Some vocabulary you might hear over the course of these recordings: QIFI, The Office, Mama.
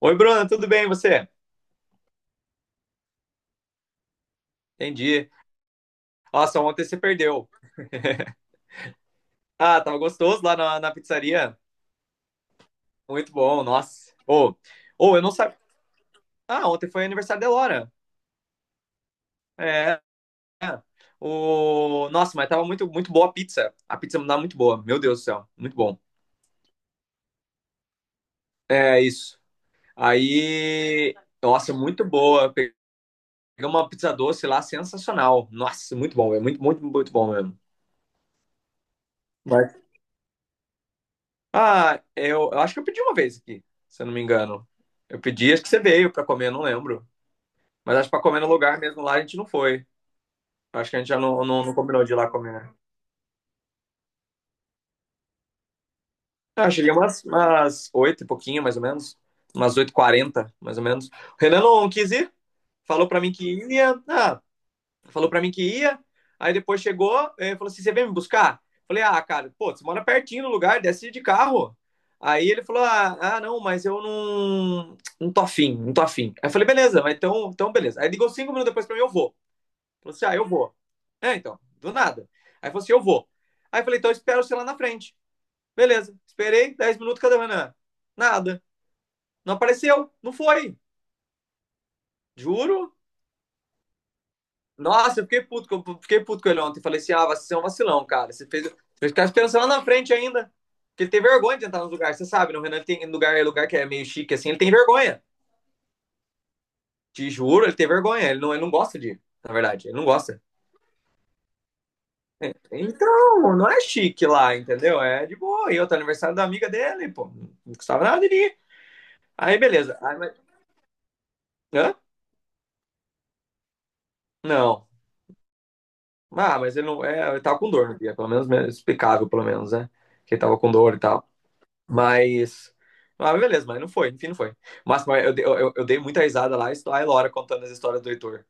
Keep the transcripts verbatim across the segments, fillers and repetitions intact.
Oi, Bruna, tudo bem e você? Entendi. Nossa, ontem você perdeu. Ah, tava gostoso lá na, na pizzaria. Muito bom, nossa. Ou, ou eu não sabia. Ah, ontem foi aniversário da Elora. É. é. O... Nossa, mas tava muito, muito boa a pizza. A pizza tava muito boa. Meu Deus do céu, muito bom. É isso. Aí, nossa, muito boa. Peguei uma pizza doce lá, sensacional. Nossa, muito bom, é muito, muito, muito bom mesmo. Ah, eu, eu acho que eu pedi uma vez aqui, se eu não me engano. Eu pedi, acho que você veio pra comer, eu não lembro. Mas acho que pra comer no lugar mesmo lá a gente não foi. Acho que a gente já não, não, não combinou de ir lá comer, né? Ah, cheguei umas, umas oito e pouquinho, mais ou menos. Umas oito h quarenta mais ou menos. O Renan não quis ir, falou pra mim que ia. Ah, falou para mim que ia, aí depois chegou, é, falou assim: você vem me buscar? Falei, ah, cara, pô, você mora pertinho do lugar, desce de carro. Aí ele falou: ah, ah, não, mas eu não, não tô afim, não tô afim. Aí eu falei: beleza, mas então, então beleza. Aí ligou cinco minutos depois pra mim: eu vou. Falou assim: ah, eu vou. É, então, do nada. Aí falou assim: eu vou. Aí eu falei: então eu espero você lá na frente. Beleza, esperei dez minutos, cadê o Renan? Nada, não apareceu, não foi. Juro. Nossa, eu fiquei puto, com- fiquei puto com ele ontem. Falei assim, ah, você é um vacilão, cara. Você fez, fez, ficar esperança lá na frente ainda. Porque ele tem vergonha de entrar nos lugares. Você sabe, no Renan ele tem lugar, é lugar que é meio chique, assim, ele tem vergonha. Te juro, ele tem vergonha. Ele não, ele não gosta de ir, na verdade. Ele não gosta. Então, não é chique lá, entendeu? É de boa. E outro aniversário da amiga dele, pô. Não custava nada de ir. Aí, beleza. Aí, mas. Hã? Não. Ah, mas ele não. É, ele tava com dor no dia, pelo menos é explicável, pelo menos, né? Que ele tava com dor e tal. Mas. Ah, beleza, mas não foi, enfim, não foi. Mas, mas eu, dei- eu, eu- dei muita risada lá, estou a Laura contando as histórias do Heitor.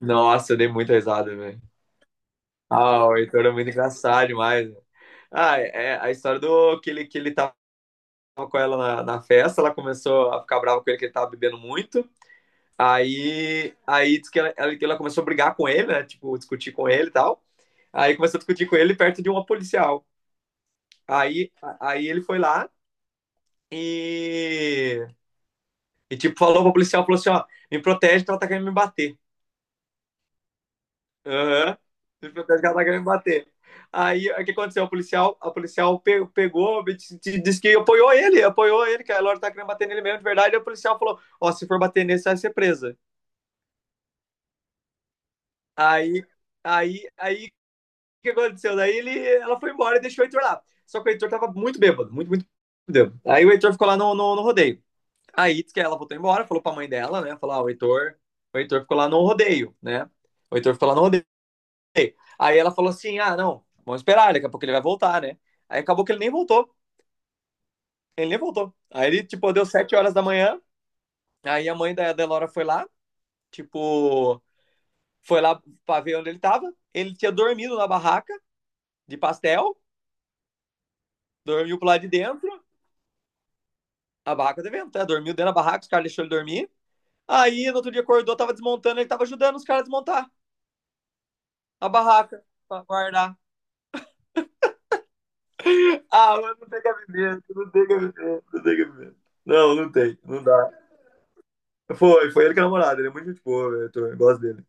Nossa, eu dei muita risada, velho. Ah, o Heitor é muito engraçado demais, né? Ah, é é a história do que ele, que ele tava com ela na, na festa, ela começou a ficar brava com ele que ele tava bebendo muito. Aí, aí diz que ela, ela, que ela começou a brigar com ele, né? Tipo, discutir com ele e tal. Aí começou a discutir com ele perto de uma policial. Aí, a- aí ele foi lá e E, tipo, falou pro policial, falou assim, ó, me protege que ela tá querendo me bater. Aham. Me protege que ela tá querendo me bater. Aí, o que aconteceu? O policial, a policial pe- pegou, disse disse que apoiou ele, apoiou ele, que a Laura tá querendo bater nele mesmo, de verdade. E o policial falou, ó, se for bater nele, você vai ser presa. Aí, aí, aí, o que aconteceu? Daí ele, ela foi embora e deixou o Heitor lá. Só que o Heitor tava muito bêbado, muito, muito bêbado. Aí o Heitor ficou lá no, no, no rodeio. Aí, diz que ela voltou embora, falou pra mãe dela, né, falou, ah, o Heitor, o Heitor ficou lá no rodeio, né. O Heitor ficou lá no rodeio. Aí ela falou assim: ah, não, vamos esperar, daqui a pouco ele vai voltar, né? Aí acabou que ele nem voltou. Ele nem voltou. Aí ele, tipo, deu sete horas da manhã. Aí a mãe da Delora foi lá, tipo, foi lá pra ver onde ele tava. Ele tinha dormido na barraca de pastel, dormiu pro lado de dentro, a barraca de vento, né? Dormiu dentro da barraca, os caras deixaram ele dormir. Aí no outro dia acordou, tava desmontando, ele tava ajudando os caras a desmontar a barraca pra guardar. Ah, mas não tem cabimento, não tem cabimento, não tem cabimento. Não, não tem, não dá. Foi, foi ele que é namorado. Ele é muito gente boa, eu, tô- eu gosto dele.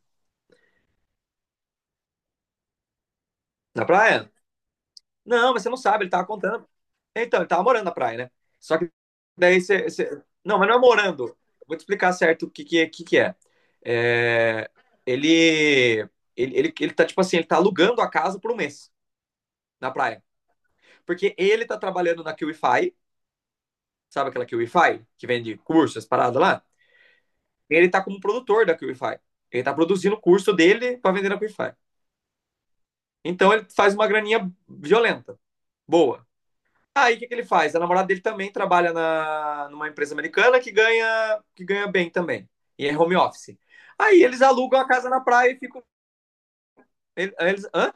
Na praia? Não, mas você não sabe, ele tava contando. Então, ele tava morando na praia, né? Só que daí você. Você- Não, mas não é morando. Eu Vou te explicar certo o que, que, é, que, que é. É. Ele, ele, ele. Ele tá, tipo assim, ele tá alugando a casa por um mês na praia. Porque ele tá trabalhando na QIFI, sabe aquela QIFI que vende cursos, as paradas lá? Ele tá como produtor da QIFI. Ele tá produzindo o curso dele pra vender na QIFI. Então ele faz uma graninha violenta. Boa. Aí o que, que ele faz? A namorada dele também trabalha na, numa empresa americana que ganha, que ganha bem também. E é home office. Aí eles alugam a casa na praia e ficam. Eles, hã?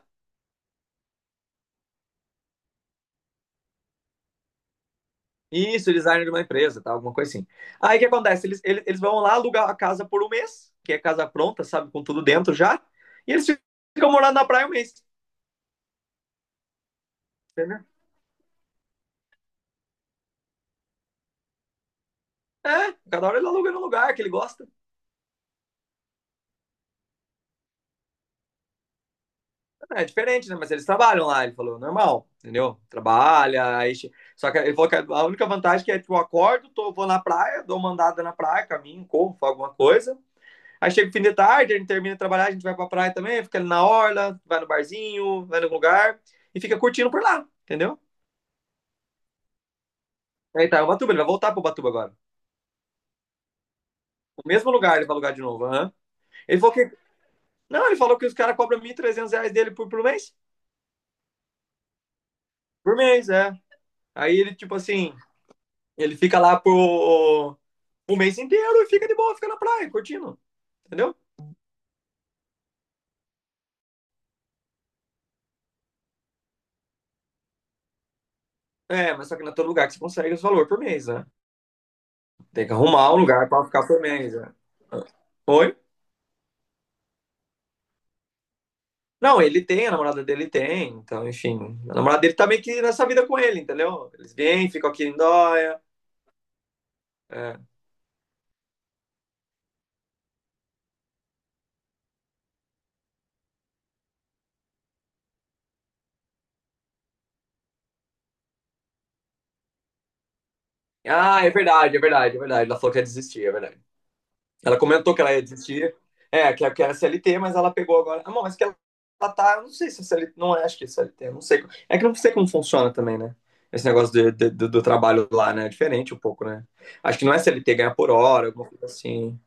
Isso, eles saem de uma empresa, tá? Alguma coisa assim. Aí o que acontece? Eles, eles, eles vão lá alugar a casa por um mês, que é casa pronta, sabe? Com tudo dentro já. E eles ficam morando na praia um mês. Entendeu? É, cada hora ele aluga no lugar que ele gosta. É diferente, né? Mas eles trabalham lá, ele falou, normal, entendeu? Trabalha, aí. Só que ele falou que a única vantagem que é, tipo, eu acordo, tô, vou na praia, dou uma andada na praia, caminho, corro, faço alguma coisa. Aí chega o fim de tarde, a gente termina de trabalhar, a gente vai pra praia também, fica ali na orla, vai no barzinho, vai no lugar e fica curtindo por lá, entendeu? Aí tá, o Batuba, ele vai voltar pro Batuba agora. O mesmo lugar ele vai alugar de novo, aham. Ele falou que. Não, ele falou que os caras cobram mil e trezentos reais dele por, por mês. Por mês, é. Aí ele, tipo assim, ele fica lá por O mês inteiro e fica de boa, fica na praia, curtindo, entendeu? É, mas só que não é todo lugar que você consegue esse valor por mês, né? Tem que arrumar um lugar pra ficar por mês, né? Oi? Não, ele tem, a namorada dele tem, então, enfim. A namorada dele tá meio que nessa vida com ele, entendeu? Eles vêm, ficam aqui em Dóia. é. Ah, é verdade, é verdade, é verdade. Ela falou que ia desistir, é verdade. Ela comentou que ela ia desistir, é, que, que era C L T, mas ela pegou agora. Ah, bom, mas que ela, tá, eu não sei se é C L T, não é, acho que é C L T, eu não sei. É que eu não sei como funciona também, né? Esse negócio de, de- do, do trabalho lá, né? É diferente um pouco, né? Acho que não é C L T, ganha por hora, alguma coisa assim.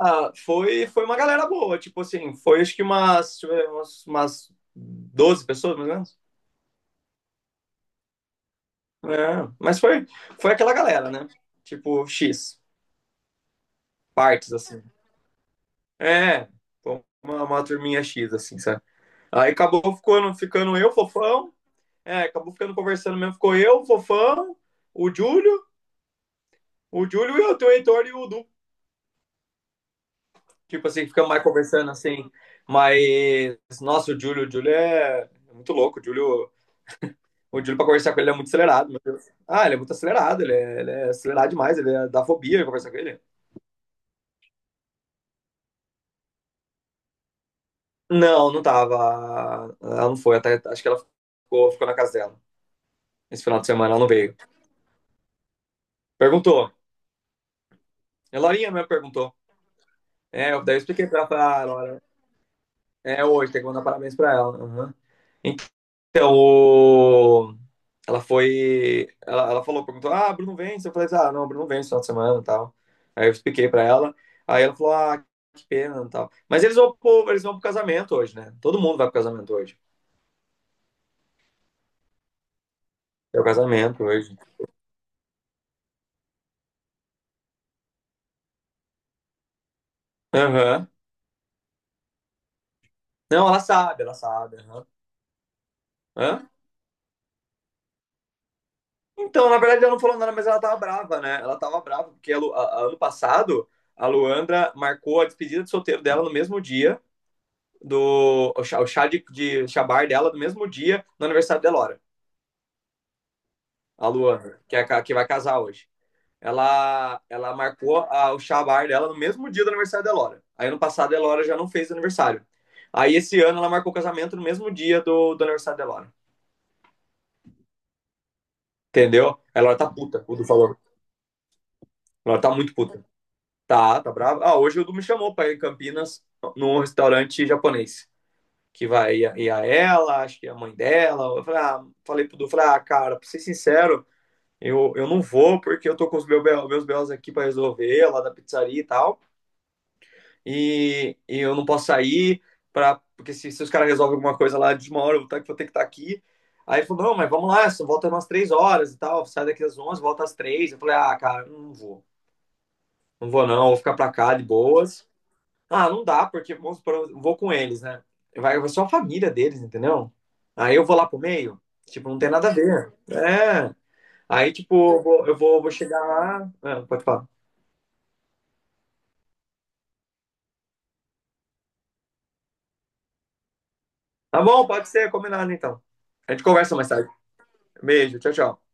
Ah, foi, foi uma galera boa, tipo assim, foi acho que umas, deixa umas, umas doze pessoas, mais ou menos. É, mas foi, foi aquela galera, né? Tipo, X, partes, assim. É, uma, uma turminha X, assim, sabe? Aí acabou ficando, ficando eu, Fofão. É, acabou ficando conversando mesmo. Ficou eu, Fofão, o Júlio, o Júlio e eu, o Heitor e o Du. Tipo assim, ficamos mais conversando assim. Mas, nossa, o Júlio, o Júlio é é muito louco. O Júlio, o Júlio pra conversar com ele, ele é muito acelerado. meu Deus. Ah, ele é muito acelerado, ele é, ele é acelerado demais, ele é, dá fobia de conversar com ele. Não, não tava. Ela não foi, até, acho que ela ficou, ficou na casa dela. Esse final de semana ela não veio. Perguntou. A Lorinha mesmo perguntou. É, eu, daí eu expliquei pra ela, ah, Laura. É hoje, tem que mandar parabéns pra ela. Aham. Então, o. ela foi. Ela, ela falou, perguntou, ah, Bruno vence. Eu falei, assim, ah, não, Bruno vence no final de semana e tal. Aí eu expliquei pra ela. Aí ela falou, ah, que pena e tal. Mas eles vão pro, eles vão pro casamento hoje, né? Todo mundo vai pro casamento hoje. É o casamento hoje. Aham. Não, ela sabe, ela sabe. aham. Hã? Então, na verdade, ela não falou nada, mas ela tava brava, né? Ela tava brava, porque a Lu- a- a- ano passado, a Luandra marcou a despedida de solteiro dela no mesmo dia. Do o chá, o chá de, de chabar dela do mesmo dia no aniversário da Elora, a Luana, que, é, que vai casar hoje. Ela, ela marcou a- o chabar dela no mesmo dia do aniversário da Elora. Aí ano passado a Elora já não fez aniversário. Aí esse ano ela marcou o casamento no mesmo dia do, do aniversário da Elora. Entendeu? A Elora tá puta, o Du falou. A Elora tá muito puta. Tá, tá brava. Ah, hoje o Du me chamou pra ir em Campinas num restaurante japonês que vai ir a ela, acho que é a mãe dela. Eu falei, ah, falei pro Du, falei, ah, cara, pra ser sincero, Eu, eu não vou porque eu tô com os meu, meus B Os aqui para resolver, lá da pizzaria e tal. E, e eu não posso sair, pra, porque se, se os caras resolvem alguma coisa lá de uma hora, eu vou ter, vou ter que estar aqui. Aí ele falou, não, mas vamos lá, só volta umas três horas e tal. Sai daqui às onze volta às três. Eu falei, ah, cara, não vou. Não vou não, vou ficar pra cá de boas. Ah, não dá, porque vamos supor, eu vou com eles, né? Vai, vai só a família deles, entendeu? Aí eu vou lá pro meio, tipo, não tem nada a ver. É, aí, tipo, eu vou, eu vou, vou chegar lá. Ah, pode falar. Tá bom, pode ser, combinado então. A gente conversa mais tarde. Beijo, tchau, tchau.